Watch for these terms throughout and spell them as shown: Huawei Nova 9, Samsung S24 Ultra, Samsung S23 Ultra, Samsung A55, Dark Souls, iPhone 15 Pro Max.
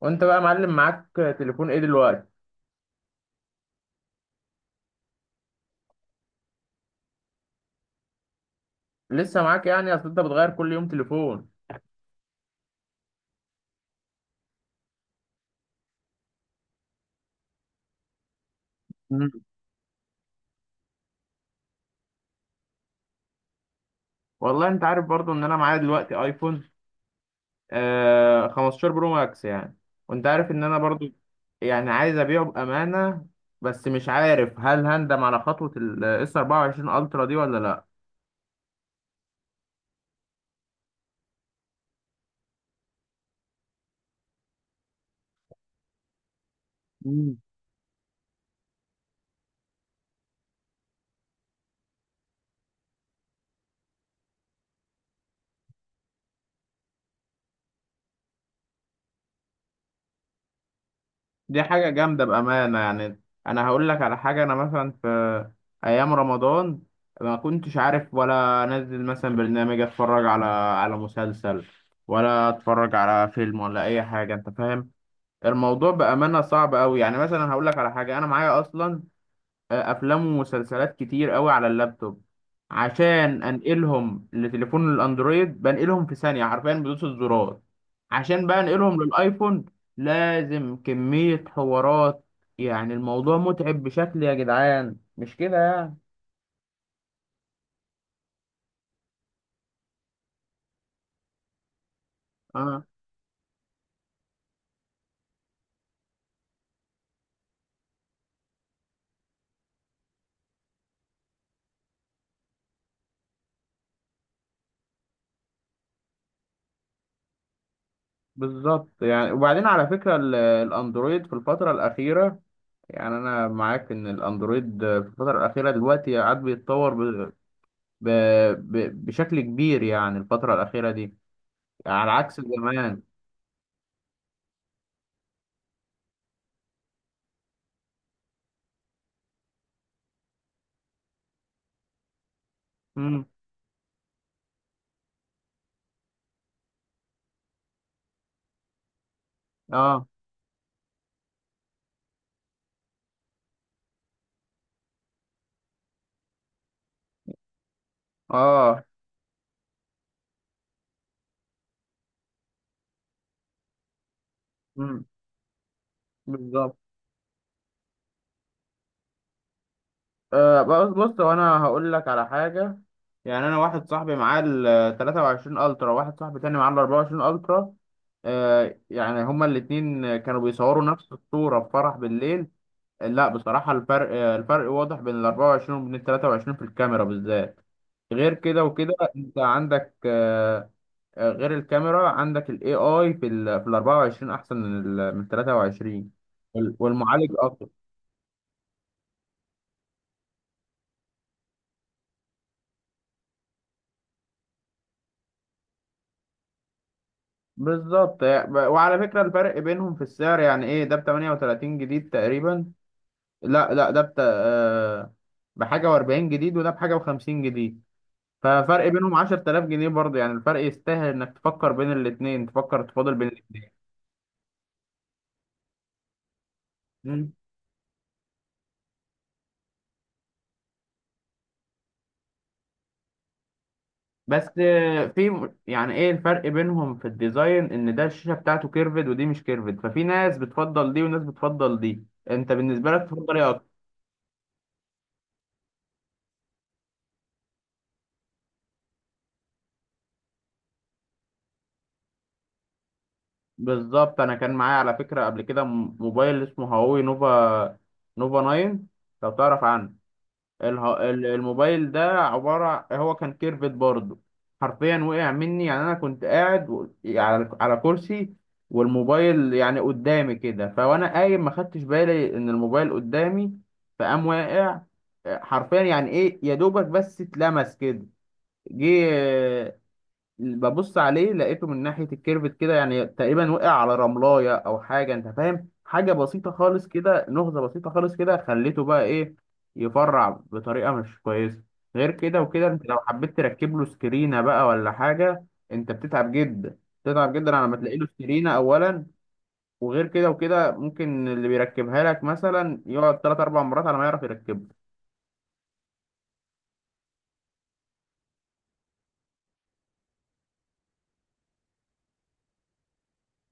وانت بقى معلم معاك تليفون ايه دلوقتي؟ لسه معاك؟ يعني اصل انت بتغير كل يوم تليفون. مم. والله انت عارف برضو ان انا معايا دلوقتي ايفون 15 برو ماكس يعني. وانت عارف ان انا برضو يعني عايز ابيعه بامانه، بس مش عارف هل هندم على خطوه الاس 24 الترا دي ولا لا. دي حاجة جامدة بأمانة يعني. أنا هقول لك على حاجة، أنا مثلا في أيام رمضان ما كنتش عارف ولا أنزل مثلا برنامج أتفرج على مسلسل، ولا أتفرج على فيلم ولا أي حاجة، أنت فاهم. الموضوع بأمانة صعب أوي. يعني مثلا هقول لك على حاجة، أنا معايا أصلا افلام ومسلسلات كتير قوي على اللابتوب. عشان انقلهم لتليفون الاندرويد بنقلهم في ثانيه، حرفيا بدوس الزرار. عشان بقى انقلهم للايفون لازم كميه حوارات، يعني الموضوع متعب بشكل يا جدعان، مش كده يعني؟ اه. بالظبط يعني. وبعدين على فكره الاندرويد في الفتره الاخيره، يعني انا معاك ان الاندرويد في الفتره الاخيره دلوقتي قاعد بيتطور ب... بشكل كبير، يعني الفتره الاخيره دي على عكس زمان. امم. اه. اه. امم. بالظبط. بص بص، هو انا هقول لك على حاجه. يعني انا واحد صاحبي معاه ال 23 الترا، واحد صاحبي تاني معاه ال 24 الترا. يعني هما الاتنين كانوا بيصوروا نفس الصوره في فرح بالليل. لا بصراحه، الفرق واضح بين ال 24 وبين ال 23 في الكاميرا بالذات. غير كده وكده، انت عندك غير الكاميرا، عندك ال AI في ال 24 أحسن من 23. والمعالج أقوى. بالظبط يعني. وعلى فكرة الفرق بينهم في السعر، يعني إيه، ده ب 38 جديد تقريبا. لا لا، ده بت... آه، بحاجة و40 جديد، وده بحاجة و50 جديد. ففرق بينهم 10000 جنيه برضه، يعني الفرق يستاهل إنك تفكر بين الاتنين، تفكر تفاضل بين الاتنين. بس يعني ايه الفرق بينهم في الديزاين؟ ان ده الشاشة بتاعته كيرفد، ودي مش كيرفد. ففي ناس بتفضل دي وناس بتفضل دي. انت بالنسبة لك تفضل ايه اكتر؟ بالظبط. انا كان معايا على فكرة قبل كده موبايل اسمه هواوي نوفا 9، لو تعرف عنه. الموبايل ده عبارة، هو كان كيرفت برضه. حرفيا وقع مني. يعني انا كنت قاعد على كرسي، والموبايل يعني قدامي كده. فوانا قايم ما خدتش بالي ان الموبايل قدامي، فقام واقع. حرفيا، يعني ايه، يا دوبك بس اتلمس كده. جه ببص عليه، لقيته من ناحية الكيرفت كده يعني تقريبا وقع على رملاية أو حاجة أنت فاهم، حاجة بسيطة خالص كده، نهضة بسيطة خالص كده. خليته بقى إيه؟ يفرع بطريقة مش كويسة. غير كده وكده، أنت لو حبيت تركب له سكرينة بقى ولا حاجة، أنت بتتعب جدا، بتتعب جدا على ما تلاقي له سكرينة أولا. وغير كده وكده ممكن اللي بيركبها لك مثلا يقعد تلات أربع مرات على ما يعرف يركبها.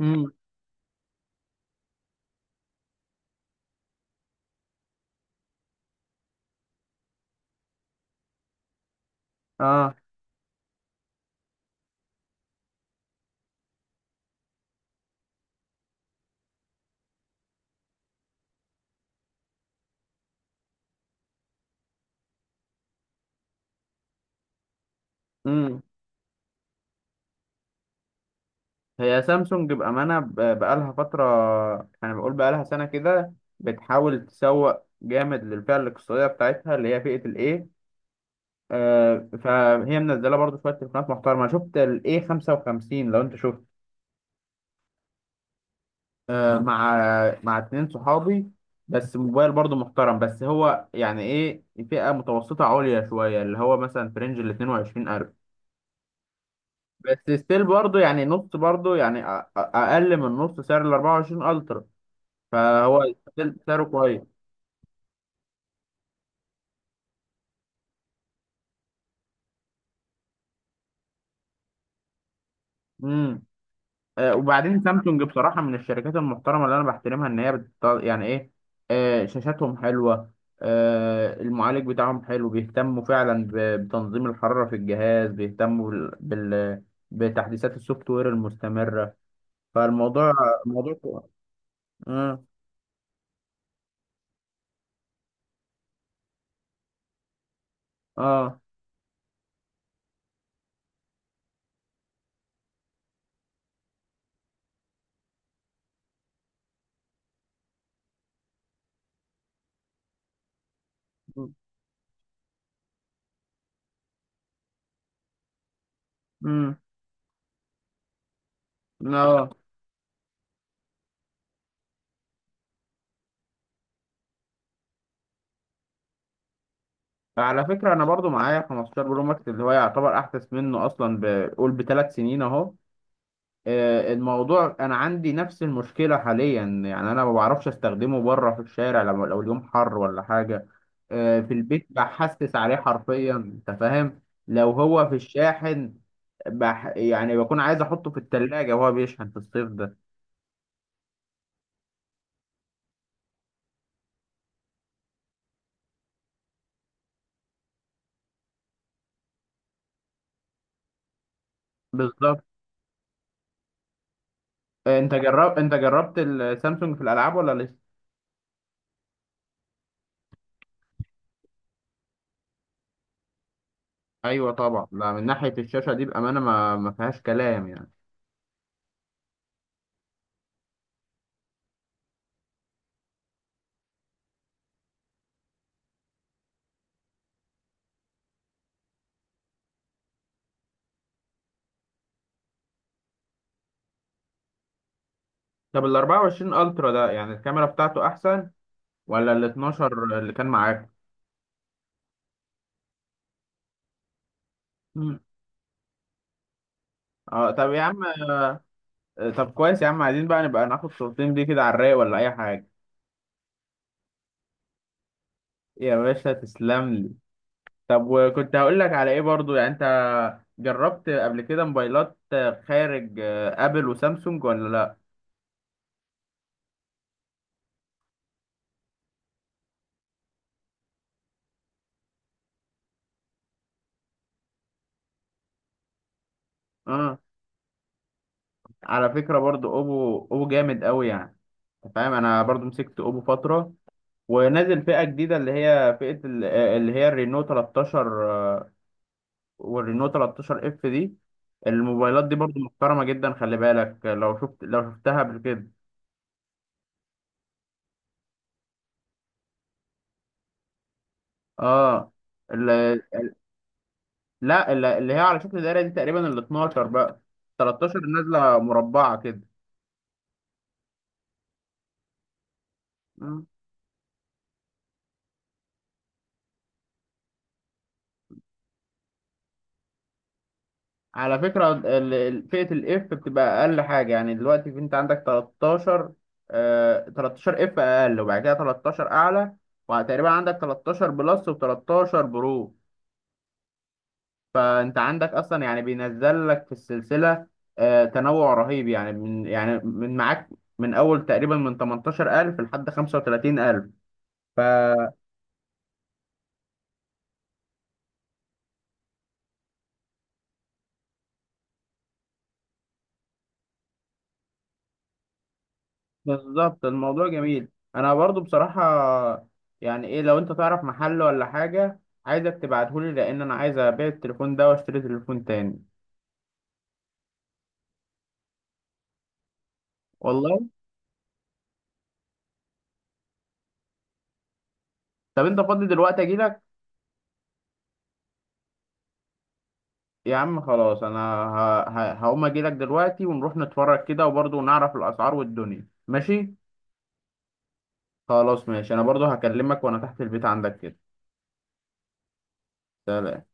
امم. اه. هي سامسونج بأمانة بقالها فترة، أنا بقول بقالها سنة كده، بتحاول تسوق جامد للفئة الاقتصادية بتاعتها، اللي هي فئة الإيه. فهي منزلة برضو شوية تليفونات محترمة، أنا شفت الإيه 55، لو أنت شفت. آه مع مع اتنين صحابي. بس موبايل برضو محترم. بس هو يعني إيه، فئة متوسطة عليا شوية، اللي هو مثلا في رينج ال 22000. بس ستيل برضو يعني نص، برضو يعني أقل من نص سعر ال 24 ألترا. فهو سعره كويس. امم. وبعدين سامسونج بصراحه من الشركات المحترمه اللي انا بحترمها، ان هي بت... يعني ايه، شاشاتهم حلوه. المعالج بتاعهم حلو، بيهتموا فعلا ب... بتنظيم الحراره في الجهاز، بيهتموا بتحديثات السوفت وير المستمره. فالموضوع كو-. اه. اه. امم. اه. على فكره انا برضو معايا 15 برو ماكس، اللي هو يعتبر احدث منه اصلا، بقول بثلاث سنين اهو. الموضوع انا عندي نفس المشكله حاليا. يعني انا ما بعرفش استخدمه بره في الشارع، لو اليوم حر ولا حاجه. في البيت بحسس عليه حرفيا، انت فاهم. لو هو في الشاحن، بح، يعني بكون عايز احطه في التلاجة وهو بيشحن في الصيف ده. بالظبط. انت جرب، انت جربت السامسونج في الالعاب ولا لسه؟ ايوه طبعا. لا، من ناحيه الشاشه دي بامانه ما فيهاش كلام يعني. طب ال 24 الترا ده، يعني الكاميرا بتاعته احسن ولا ال 12 اللي كان معاك؟ اه. طب يا عم. طب كويس يا عم، عايزين بقى نبقى ناخد صورتين دي كده على الرايق ولا اي حاجه. يا باشا تسلم لي. طب وكنت هقول لك على ايه برضو، يعني انت جربت قبل كده موبايلات خارج ابل وسامسونج، ولا لا؟ اه. على فكره برضو اوبو جامد قوي يعني. انت فاهم، انا برضو مسكت اوبو فتره، ونازل فئه جديده اللي هي فئه اللي هي الرينو 13، والرينو 13 اف دي. الموبايلات دي برضو محترمة جدا. خلي بالك، لو شفتها قبل كده. اه ال- لا اللي هي على شكل دايرة دي تقريبا ال 12 بقى. 13 نازلة مربعة كده. مم. على فكرة فئة الاف بتبقى أقل حاجة. يعني دلوقتي أنت عندك 13، 13 اف أقل، وبعد كده 13 أعلى، وتقريبا عندك 13 بلس و13 برو. فانت عندك اصلا يعني بينزل لك في السلسله تنوع رهيب. يعني من معاك من اول تقريبا من 18000 لحد 35000. فبالظبط. الموضوع جميل. انا برضو بصراحه يعني ايه، لو انت تعرف محل ولا حاجه عايزك تبعتهولي، لان انا عايز ابيع التليفون ده واشتري تليفون تاني. والله. طب انت فاضي دلوقتي اجيلك؟ يا عم خلاص انا هقوم اجيلك دلوقتي ونروح نتفرج كده وبرضو نعرف الاسعار والدنيا ماشي. خلاص ماشي، انا برضو هكلمك وانا تحت البيت عندك كده. سلام.